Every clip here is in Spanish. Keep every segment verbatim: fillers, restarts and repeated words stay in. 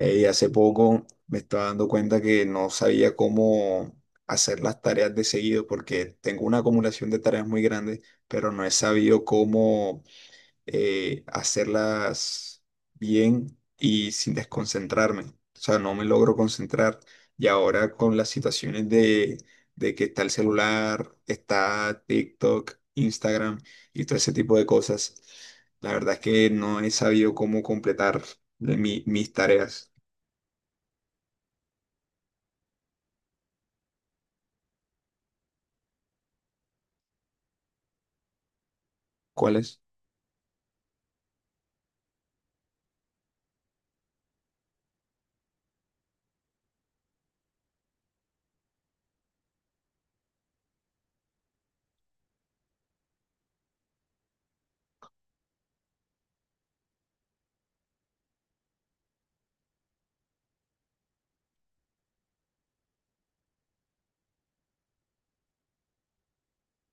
Eh, hace poco me estaba dando cuenta que no sabía cómo hacer las tareas de seguido porque tengo una acumulación de tareas muy grande, pero no he sabido cómo eh, hacerlas bien y sin desconcentrarme. O sea, no me logro concentrar. Y ahora con las situaciones de, de que está el celular, está TikTok, Instagram y todo ese tipo de cosas, la verdad es que no he sabido cómo completar de mi- mis tareas. ¿Cuál es?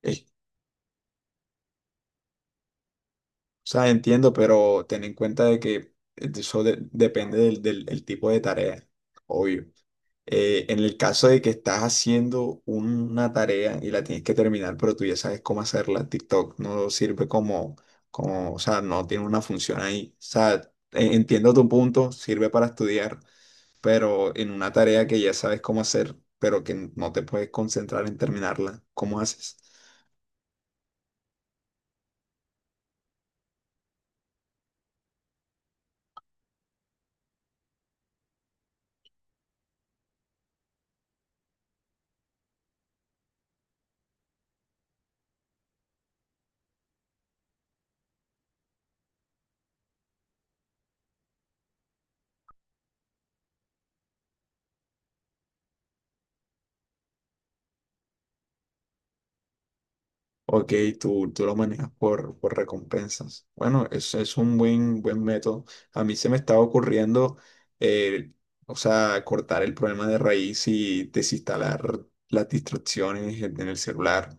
Eh, o sea, entiendo, pero ten en cuenta de que eso de- depende del, del- el tipo de tarea, obvio. Eh, en el caso de que estás haciendo una tarea y la tienes que terminar, pero tú ya sabes cómo hacerla, TikTok no sirve como, como, o sea, no tiene una función ahí. O sea, e- entiendo tu punto, sirve para estudiar, pero en una tarea que ya sabes cómo hacer, pero que no te puedes concentrar en terminarla, ¿cómo haces? Ok, tú, tú lo manejas por, por recompensas. Bueno, eso es un buen, buen método. A mí se me estaba ocurriendo, eh, o sea, cortar el problema de raíz y desinstalar las distracciones en en el celular.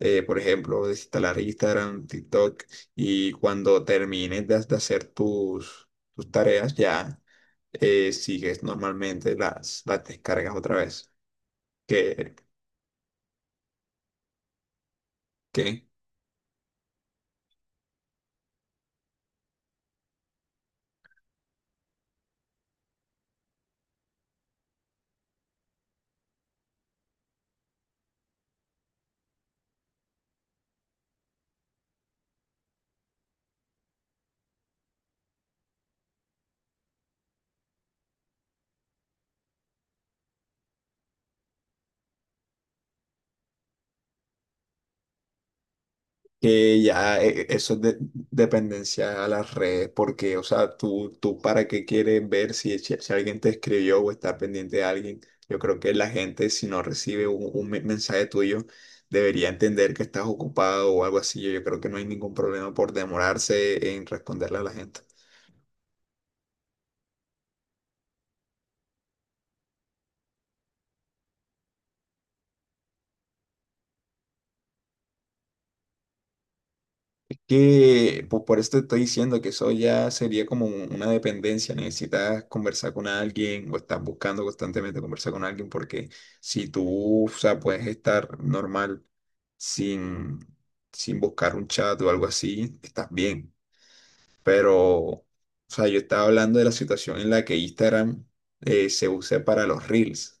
Eh, por ejemplo, desinstalar Instagram, TikTok, y cuando termines de, de hacer tus, tus tareas ya, eh, sigues normalmente las, las descargas otra vez. ¿Qué, qué? Que ya, eh, eh, eso es de- dependencia a la red, porque, o sea, tú, tú para qué quieres ver si, si- si alguien te escribió o estar pendiente de alguien. Yo creo que la gente, si no recibe un, un me- mensaje tuyo, debería entender que estás ocupado o algo así. Yo, yo creo que no hay ningún problema por demorarse en responderle a la gente. Es que pues, por esto te estoy diciendo que eso ya sería como un- una dependencia. Necesitas conversar con alguien o estás buscando constantemente conversar con alguien porque si tú, o sea, puedes estar normal sin, sin buscar un chat o algo así, estás bien. Pero, o sea, yo estaba hablando de la situación en la que Instagram eh, se usa para los reels,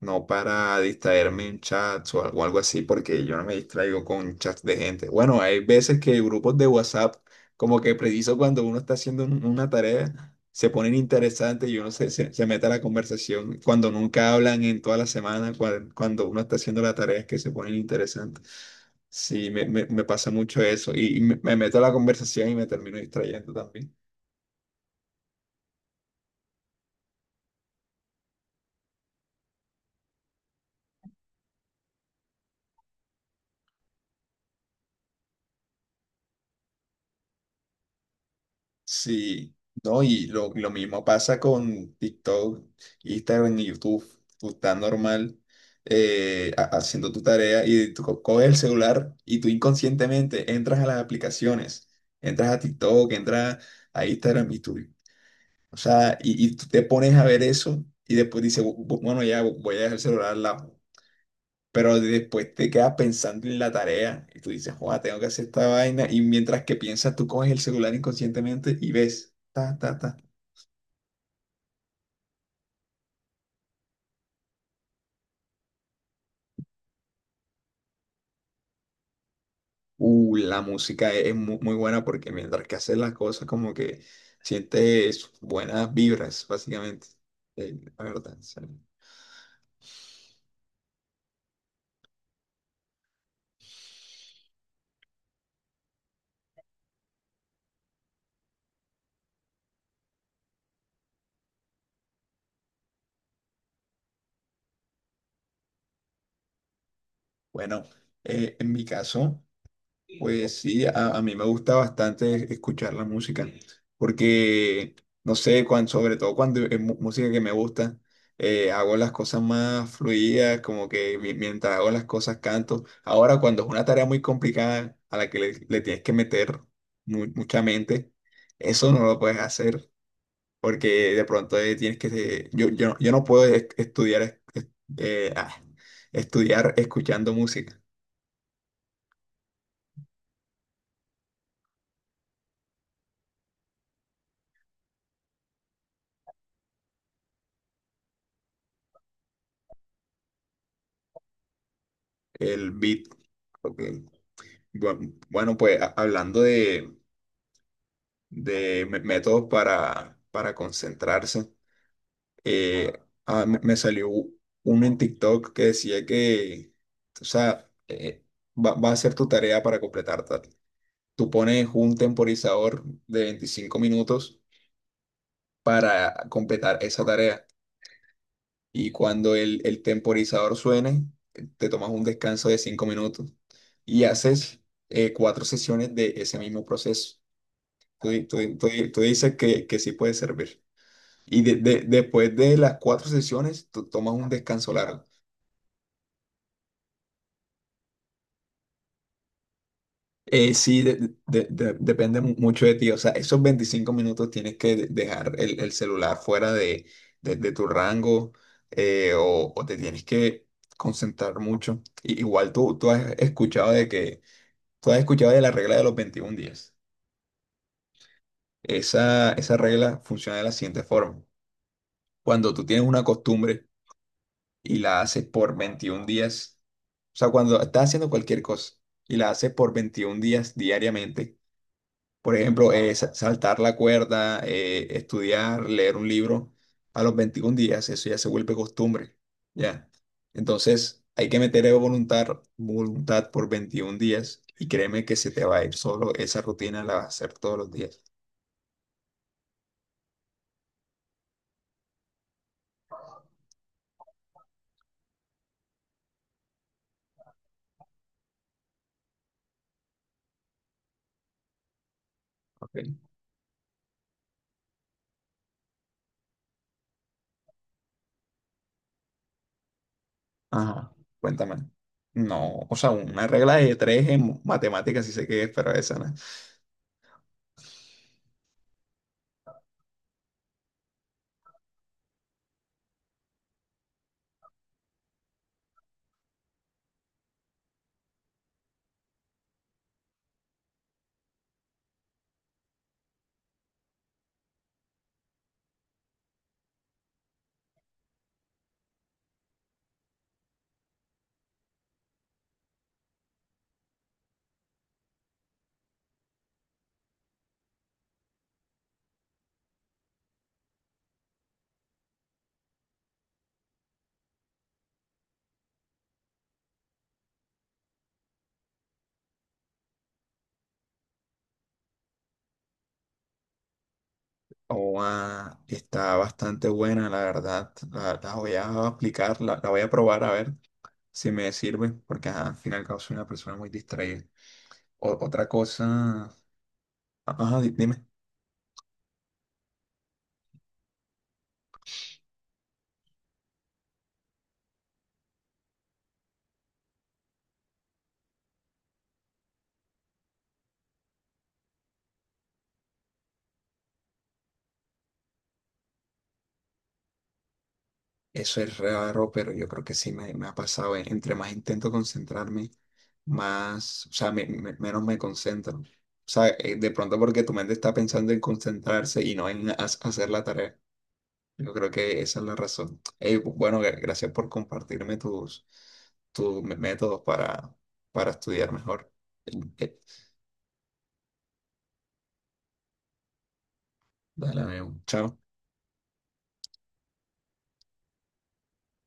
no para distraerme en chats o algo, algo así, porque yo no me distraigo con chats de gente. Bueno, hay veces que grupos de WhatsApp, como que preciso cuando uno está haciendo un- una tarea, se ponen interesantes y uno se, se, se mete a la conversación cuando nunca hablan en toda la semana, cua- cuando uno está haciendo la tarea es que se ponen interesantes. Sí, me, me, me pasa mucho eso y, y me, me meto a la conversación y me termino distrayendo también. Sí, no, y lo, lo mismo pasa con TikTok, Instagram y YouTube. Tú estás normal, eh, ha- haciendo tu tarea y tú co- coges el celular y tú inconscientemente entras a las aplicaciones, entras a TikTok, entras a Instagram y tú, o sea, y, y tú te pones a ver eso y después dices, "Bu- bu- bueno, ya voy a dejar el celular al lado." Pero después te quedas pensando en la tarea y tú dices, "Joder, tengo que hacer esta vaina." Y mientras que piensas, tú coges el celular inconscientemente y ves, ta, ta, ta. Uh, la música e-, es mu- muy buena porque mientras que haces las cosas, como que sientes buenas vibras, básicamente. Eh, la verdad. O Bueno, eh, en mi caso. Pues sí, a, a mí me gusta bastante escuchar la música, porque, no sé, cuan- sobre todo cuando es mu- música que me gusta, eh, hago las cosas más fluidas, como que mi- mientras hago las cosas canto. Ahora, cuando es una tarea muy complicada a la que le, le tienes que meter mu- mucha mente, eso no lo puedes hacer, porque de pronto eh, tienes que... eh, yo, yo, no- yo no puedo es- estudiar, es- es- eh, ah, estudiar escuchando música, el beat. Ok. Bueno, bueno, pues a- hablando de, de me- métodos para, para concentrarse, eh, ah, me, me salió u- uno en TikTok que decía que, o sea, eh, va, va a ser tu tarea para completar tal. Tú pones un temporizador de veinticinco minutos para completar esa tarea y cuando el, el temporizador suene, eh, te tomas un descanso de cinco minutos y haces eh, cuatro sesiones de ese mismo proceso. Tú, di- tú di- tú di- tú dices que, que sí puede servir. Y de- de- después de las cuatro sesiones, tú tomas un descanso largo. Eh, sí, de- de- de- depende mu- mucho de ti. O sea, esos veinticinco minutos tienes que de- dejar el, el celular fuera de, de- de tu rango, eh, o, o te tienes que concentrar mucho. I- igual tú, tú has escuchado de que, tú has escuchado de la regla de los veintiún días. Esa, esa regla funciona de la siguiente forma. Cuando tú tienes una costumbre, y la hace por veintiún días. O sea, cuando estás haciendo cualquier cosa y la hace por veintiún días diariamente. Por ejemplo, eh, sa- saltar la cuerda, eh, estudiar, leer un libro, a los veintiún días eso ya se vuelve costumbre. Ya. Entonces, hay que meter eh, voluntad, voluntad por veintiún días y créeme que se te va a ir solo esa rutina, la vas a hacer todos los días. Ok. Ajá. Cuéntame. No, o sea, una regla de tres en matemáticas sí sé qué es, pero esa no. Oa, está bastante buena, la verdad. La, la voy a aplicar, la, la voy a probar a ver si me sirve, porque ajá, al final y al cabo soy una persona muy distraída. O- otra cosa, ajá, di- dime. Eso es raro, pero yo creo que sí me, me ha pasado. eh, Entre más intento concentrarme, más, o sea, me- me- menos me concentro. O sea, eh, de pronto porque tu mente está pensando en concentrarse y no en ha- hacer la tarea. Yo creo que esa es la razón. Ey, bueno, gra- gracias por compartirme tus, tus me- métodos para, para estudiar mejor. Eh, Dale, amigo. Chao.